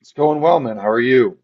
It's going well, man. How are you?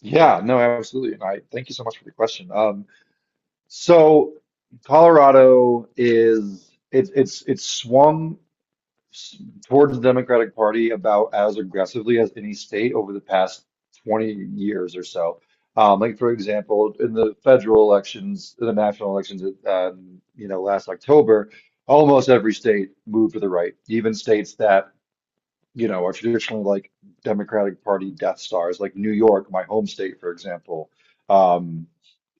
Yeah, no, absolutely. And I thank you so much for the question. So Colorado is it's swung s- towards the Democratic Party about as aggressively as any state over the past 20 years or so. Like for example, in the federal elections, the national elections, last October, almost every state moved to the right, even states that are traditionally like Democratic Party death stars, like New York, my home state, for example, um,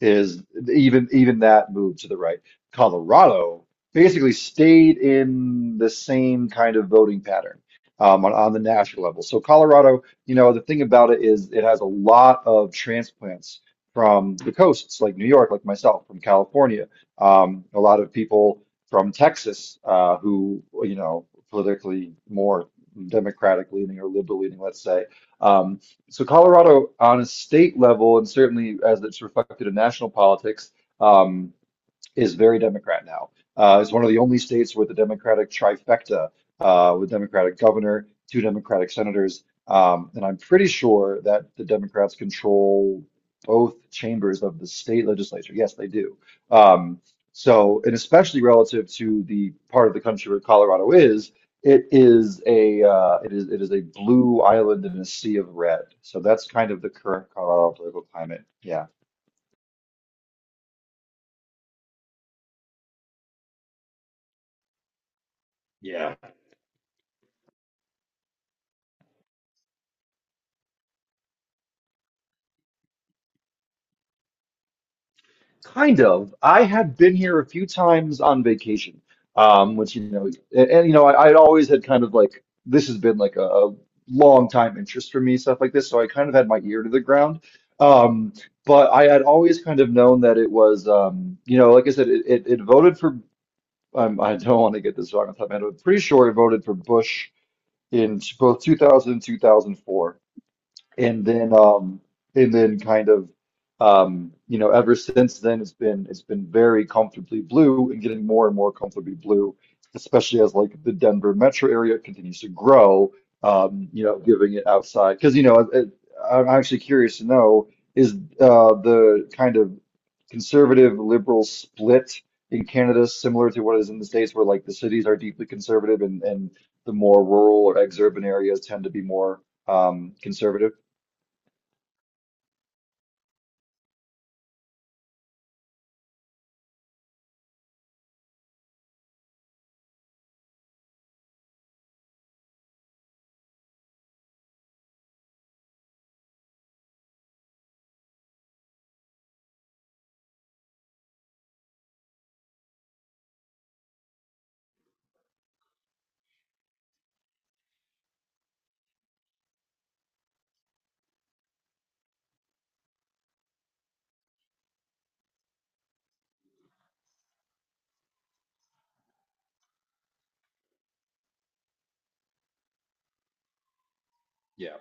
is even that moved to the right. Colorado basically stayed in the same kind of voting pattern on the national level. So Colorado, the thing about it is it has a lot of transplants from the coasts, like New York, like myself, from California, a lot of people from Texas who, politically more Democratic leaning or liberal leaning, let's say. Um, so Colorado, on a state level, and certainly as it's reflected in national politics, um, is very Democrat now. It's one of the only states with a Democratic trifecta, with Democratic governor, two Democratic senators, and I'm pretty sure that the Democrats control both chambers of the state legislature. Yes, they do. Um, and especially relative to the part of the country where Colorado is, it is a blue island in a sea of red. So that's kind of the current Colorado political climate. Yeah. Yeah. Kind of. I had been here a few times on vacation, um, which you know, I'd always had kind of like this has been like a long time interest for me, stuff like this. So I kind of had my ear to the ground. Um, but I had always kind of known that it was, like I said, it voted for. I don't want to get this wrong off the top of my head, but I'm pretty sure it voted for Bush in both 2000 and 2004 and then um and then kind of ever since then it's been very comfortably blue and getting more and more comfortably blue, especially as like the Denver metro area continues to grow. Giving it outside because it, I'm actually curious to know, is the kind of conservative liberal split in Canada similar to what is in the States, where like the cities are deeply conservative, and the more rural or exurban areas tend to be more conservative? Yeah.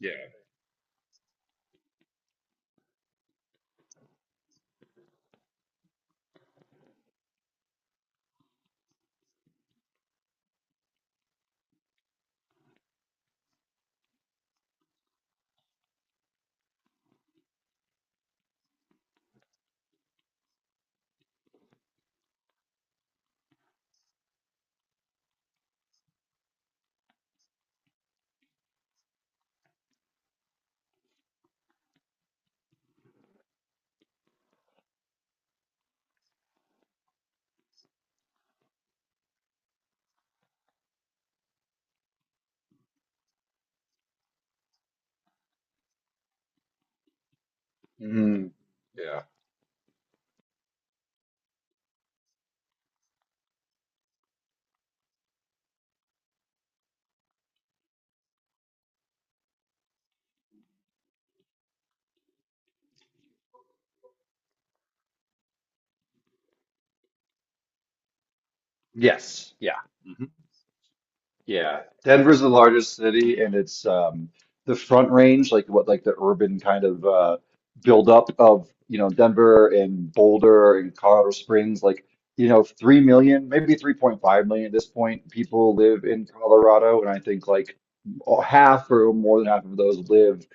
Yeah. Mm, yeah. Yes. Yeah. Mm-hmm. Yeah, Denver's the largest city, and it's the Front Range, like what, like the urban kind of buildup of Denver and Boulder and Colorado Springs. Like 3 million, maybe 3.5 million at this point, people live in Colorado, and I think like half or more than half of those live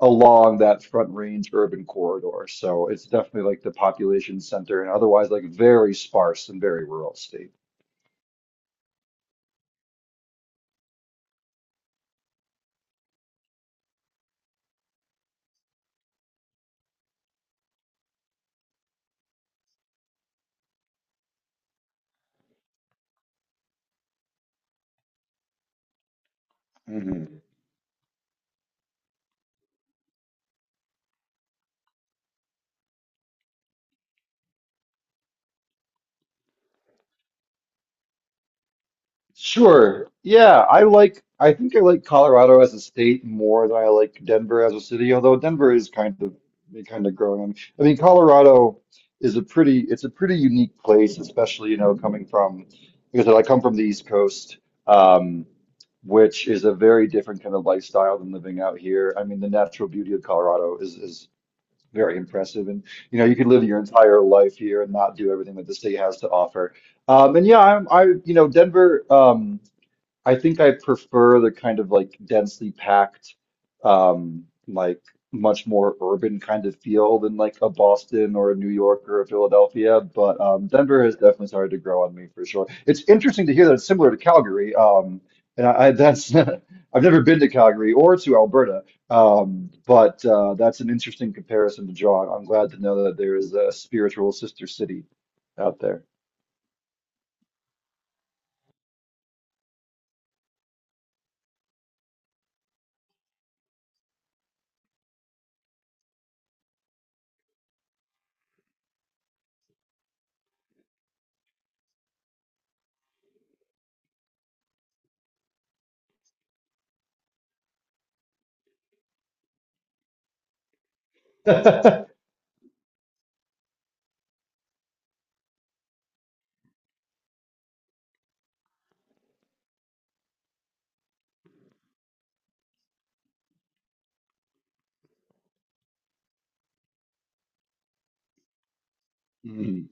along that Front Range urban corridor. So it's definitely like the population center, and otherwise like very sparse and very rural state. Sure. Yeah, I think I like Colorado as a state more than I like Denver as a city, although Denver is kind of growing on. I mean, Colorado is a pretty it's a pretty unique place, especially, coming from because I come from the East Coast, um, which is a very different kind of lifestyle than living out here. I mean, the natural beauty of Colorado is very impressive. And you could live your entire life here and not do everything that the state has to offer. And yeah, I'm I Denver, I think I prefer the kind of like densely packed, like much more urban kind of feel than like a Boston or a New York or a Philadelphia. But Denver has definitely started to grow on me for sure. It's interesting to hear that it's similar to Calgary. And I that's I've never been to Calgary or to Alberta. But that's an interesting comparison to draw. I'm glad to know that there is a spiritual sister city out there. Mhm.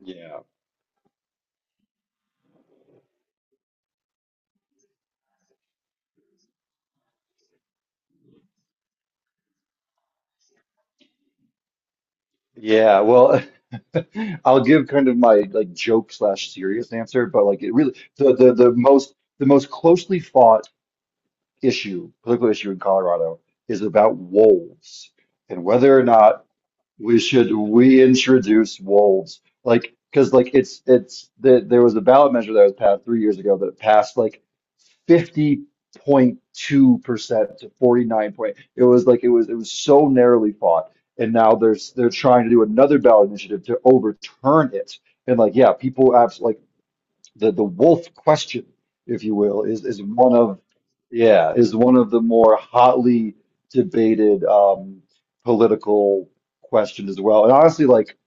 Yeah. Yeah, well, I'll give kind of my like joke slash serious answer, but like it really the most closely fought issue, political issue in Colorado is about wolves and whether or not we should reintroduce wolves, like because like there was a ballot measure that was passed 3 years ago that passed like 50.2% to forty nine point. It was like it was so narrowly fought, and now there's they're trying to do another ballot initiative to overturn it. And like yeah, people absolutely the wolf question, if you will, is one of, yeah, is one of the more hotly debated political questions as well. And honestly, like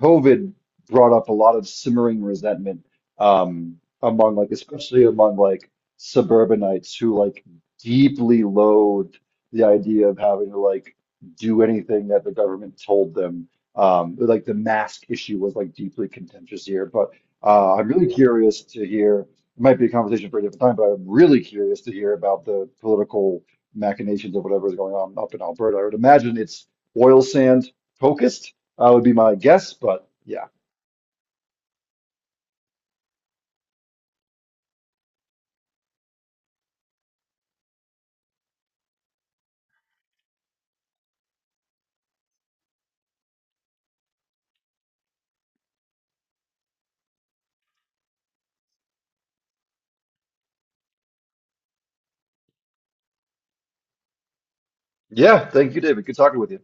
COVID brought up a lot of simmering resentment um, among like especially among like suburbanites who like deeply loathed the idea of having to like do anything that the government told them. Like the mask issue was like deeply contentious here, but I'm really curious to hear. It might be a conversation for a different time, but I'm really curious to hear about the political machinations of whatever is going on up in Alberta. I would imagine it's oil sand focused, would be my guess. But yeah, yeah. Thank you, David. Good talking with you.